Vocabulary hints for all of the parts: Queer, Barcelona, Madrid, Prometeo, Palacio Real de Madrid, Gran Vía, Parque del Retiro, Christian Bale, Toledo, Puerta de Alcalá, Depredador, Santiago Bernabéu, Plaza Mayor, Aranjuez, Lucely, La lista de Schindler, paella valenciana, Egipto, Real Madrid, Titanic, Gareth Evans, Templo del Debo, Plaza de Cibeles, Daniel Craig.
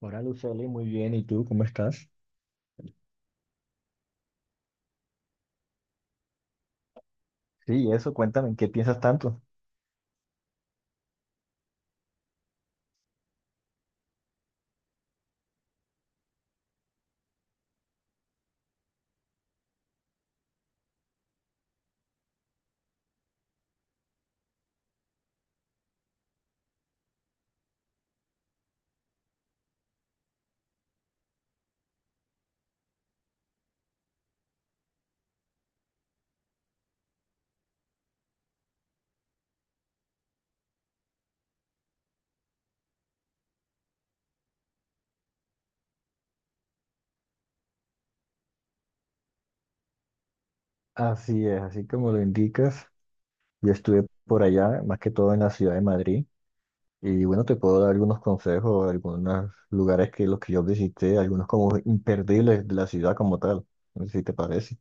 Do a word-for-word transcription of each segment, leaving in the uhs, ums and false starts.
Hola Lucely, muy bien. ¿Y tú cómo estás? Sí, eso, cuéntame, ¿en qué piensas tanto? Así es, así como lo indicas, yo estuve por allá, más que todo en la ciudad de Madrid, y bueno, te puedo dar algunos consejos, algunos lugares que los que yo visité, algunos como imperdibles de la ciudad como tal, no sé si te parece.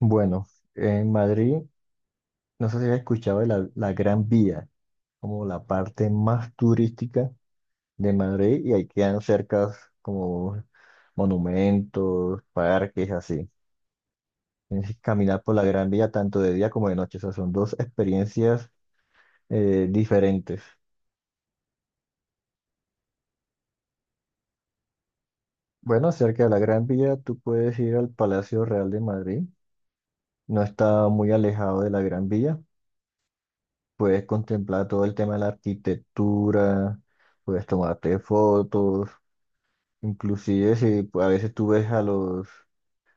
Bueno, en Madrid, no sé si has escuchado de la, la Gran Vía, como la parte más turística de Madrid, y ahí quedan cercas como monumentos, parques, así. Tienes que caminar por la Gran Vía tanto de día como de noche. O sea, son dos experiencias eh, diferentes. Bueno, cerca de la Gran Vía, tú puedes ir al Palacio Real de Madrid. No está muy alejado de la Gran Vía. Puedes contemplar todo el tema de la arquitectura, puedes tomarte fotos. Inclusive si pues, a veces tú ves a los,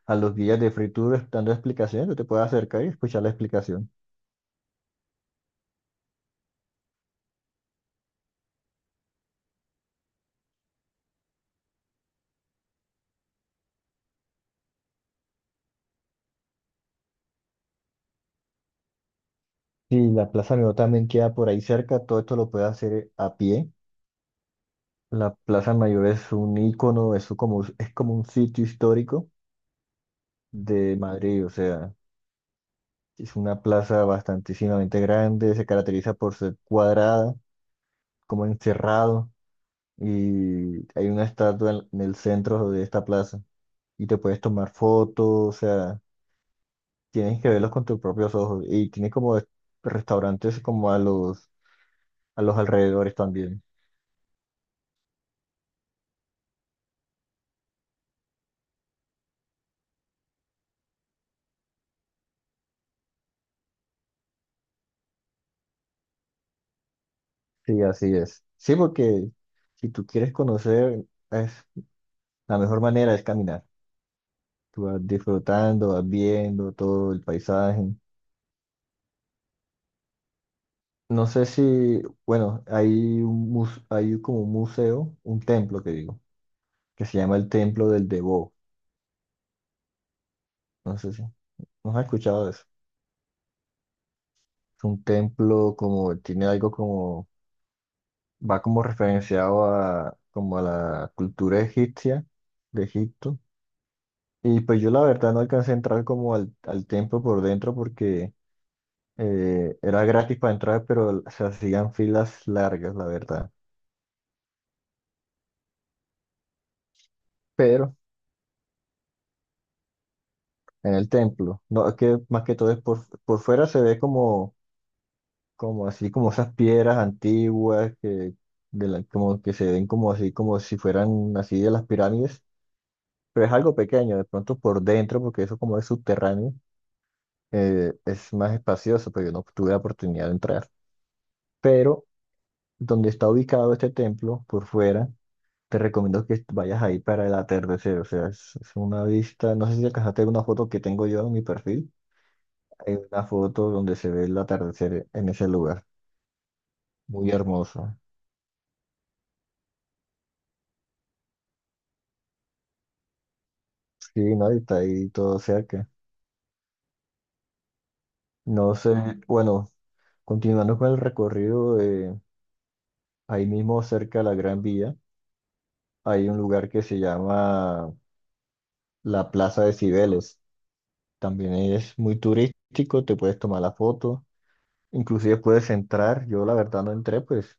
a los guías de Free Tour dando explicaciones, tú te puedes acercar y escuchar la explicación. Y la Plaza Mayor también queda por ahí cerca. Todo esto lo puedes hacer eh, a pie. La Plaza Mayor es un ícono, eso como, es como un sitio histórico de Madrid, o sea, es una plaza bastantísimamente grande, se caracteriza por ser cuadrada, como encerrado, y hay una estatua en, en el centro de esta plaza, y te puedes tomar fotos, o sea, tienes que verlos con tus propios ojos, y tiene como es- restaurantes como a los, a los alrededores también. Sí, así es. Sí, porque si tú quieres conocer, es, la mejor manera es caminar. Tú vas disfrutando, vas viendo todo el paisaje. No sé si, bueno, hay un mus- hay como un museo, un templo que digo, que se llama el Templo del Debo. No sé si, ¿no has escuchado de eso? Es un templo como, tiene algo como, va como referenciado a, como a la cultura egipcia de Egipto. Y pues yo la verdad no alcancé a entrar como al, al templo por dentro porque eh, era gratis para entrar, pero se hacían filas largas, la verdad. Pero en el templo. No, es que más que todo es por, por fuera se ve como, como así, como esas piedras antiguas que, de la- como que se ven como así, como si fueran así de las pirámides, pero es algo pequeño, de pronto por dentro, porque eso como es subterráneo, eh, es más espacioso, pero yo no tuve la oportunidad de entrar. Pero donde está ubicado este templo, por fuera, te recomiendo que vayas ahí para el atardecer, o sea, es, es una vista, no sé si alcanzaste una foto que tengo yo en mi perfil. Hay una foto donde se ve el atardecer en ese lugar. Muy hermoso. Sí, no, y está ahí todo cerca. No sé, bueno, continuando con el recorrido, eh, ahí mismo cerca de la Gran Vía, hay un lugar que se llama la Plaza de Cibeles. También es muy turístico, te puedes tomar la foto, inclusive puedes entrar. Yo la verdad no entré, pues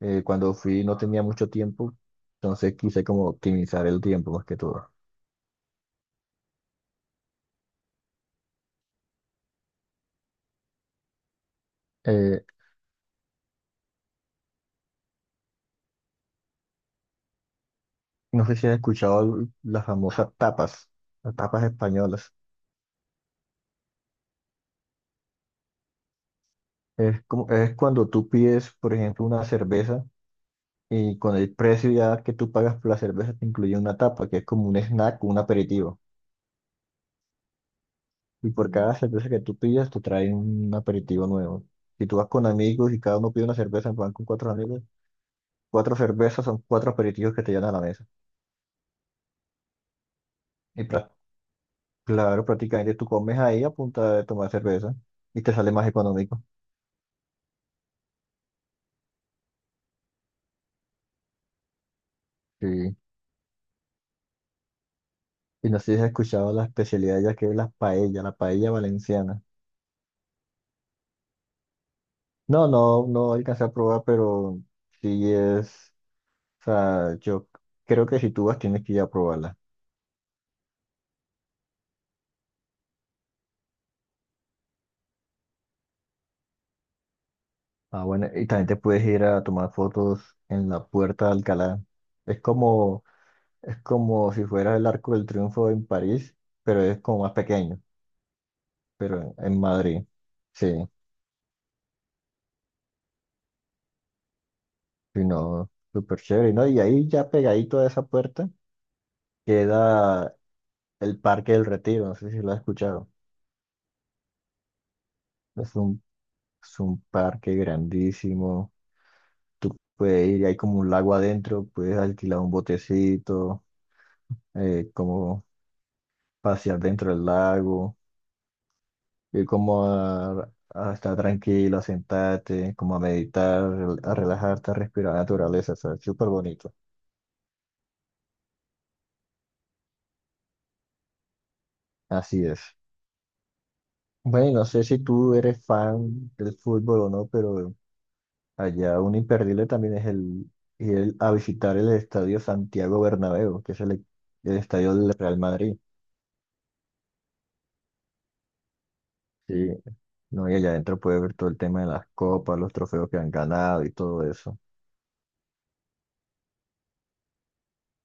eh, cuando fui no tenía mucho tiempo, entonces quise como optimizar el tiempo más que todo. Eh, No sé si has escuchado l- las famosas tapas, las tapas españolas. Es como, es cuando tú pides, por ejemplo, una cerveza y con el precio ya que tú pagas por la cerveza te incluye una tapa, que es como un snack, un aperitivo. Y por cada cerveza que tú pidas te traen un aperitivo nuevo. Si tú vas con amigos y cada uno pide una cerveza, van con cuatro amigos, cuatro cervezas son cuatro aperitivos que te llevan a la mesa. Y pra- claro, prácticamente tú comes ahí a punta de tomar cerveza y te sale más económico. Sí. Y no sé si has escuchado la especialidad ya que es la paella, la paella valenciana. No, no, no alcancé a probar, pero sí es, o sea, yo creo que si tú vas tienes que ir a probarla. Ah, bueno, y también te puedes ir a tomar fotos en la Puerta de Alcalá. Es como, es como si fuera el Arco del Triunfo en París, pero es como más pequeño, pero en, en Madrid. Sí, sí, no, súper chévere, ¿no? Y ahí ya pegadito a esa puerta queda el Parque del Retiro, no sé si lo has escuchado. Es un, es un parque grandísimo. Tú puedes ir, hay como un lago adentro, puedes alquilar un botecito, eh, como pasear dentro del lago, ir como a, a estar tranquilo, a sentarte, como a meditar, rel- a relajarte, a respirar la naturaleza, ¿sabes? Súper bonito. Así es. Bueno, no sé si tú eres fan del fútbol o no, pero allá un imperdible también es el ir a visitar el estadio Santiago Bernabéu, que es el el estadio del Real Madrid. Sí, no, y allá adentro puedes ver todo el tema de las copas, los trofeos que han ganado y todo eso.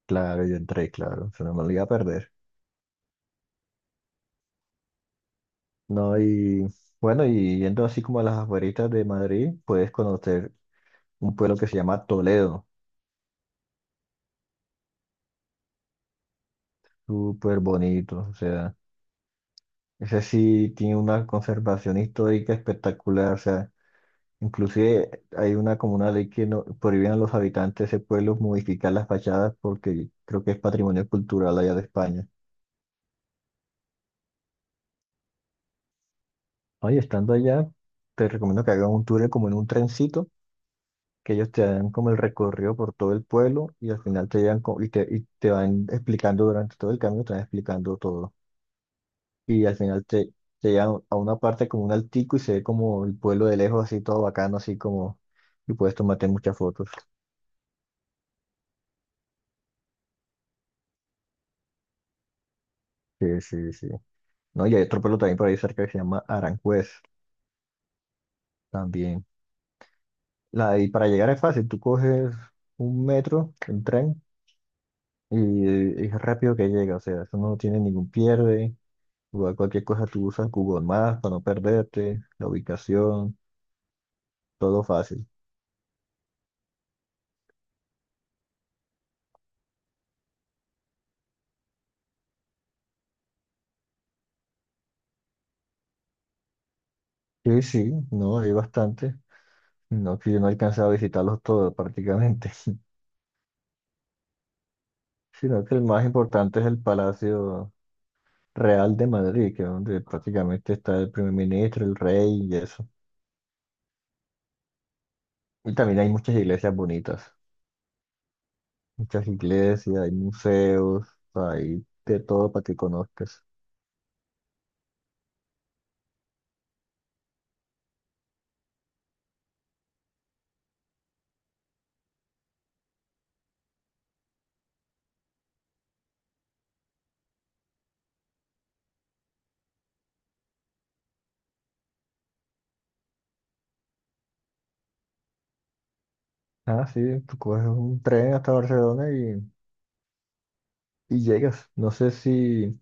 Claro, yo entré, claro, se no me lo iba a perder. No, y bueno, y yendo así como a las afueritas de Madrid, puedes conocer un pueblo que se llama Toledo, súper bonito, o sea, ese sí tiene una conservación histórica espectacular, o sea, inclusive hay una como una ley que no prohíben a los habitantes de ese pueblo modificar las fachadas porque creo que es patrimonio cultural allá de España. Oye, estando allá, te recomiendo que hagan un tour como en un trencito, que ellos te dan como el recorrido por todo el pueblo y al final te llegan co- y te, y te van explicando durante todo el camino, te van explicando todo. Y al final te, te llevan a una parte como un altico y se ve como el pueblo de lejos, así todo bacano, así como, y puedes tomarte muchas fotos. Sí, sí, sí. No, y hay otro pueblo también por ahí cerca que se llama Aranjuez, también. La, y para llegar es fácil, tú coges un metro, un tren. Y eh, es rápido que llega, o sea, eso no tiene ningún pierde. Igual cualquier cosa tú usas Google Maps para no perderte, la ubicación, todo fácil. Sí, sí, no, hay bastante. No, que yo no he alcanzado a visitarlos todos prácticamente, sino que el más importante es el Palacio Real de Madrid, que es donde prácticamente está el primer ministro, el rey y eso. Y también hay muchas iglesias bonitas, muchas iglesias, hay museos, hay de todo para que conozcas. Ah, sí, tú coges un tren hasta Barcelona y, y llegas. No sé si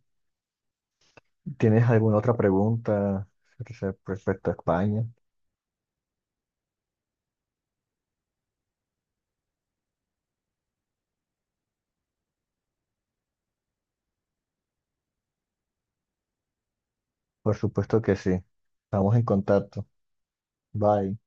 tienes alguna otra pregunta re- respecto a España. Por supuesto que sí. Estamos en contacto. Bye.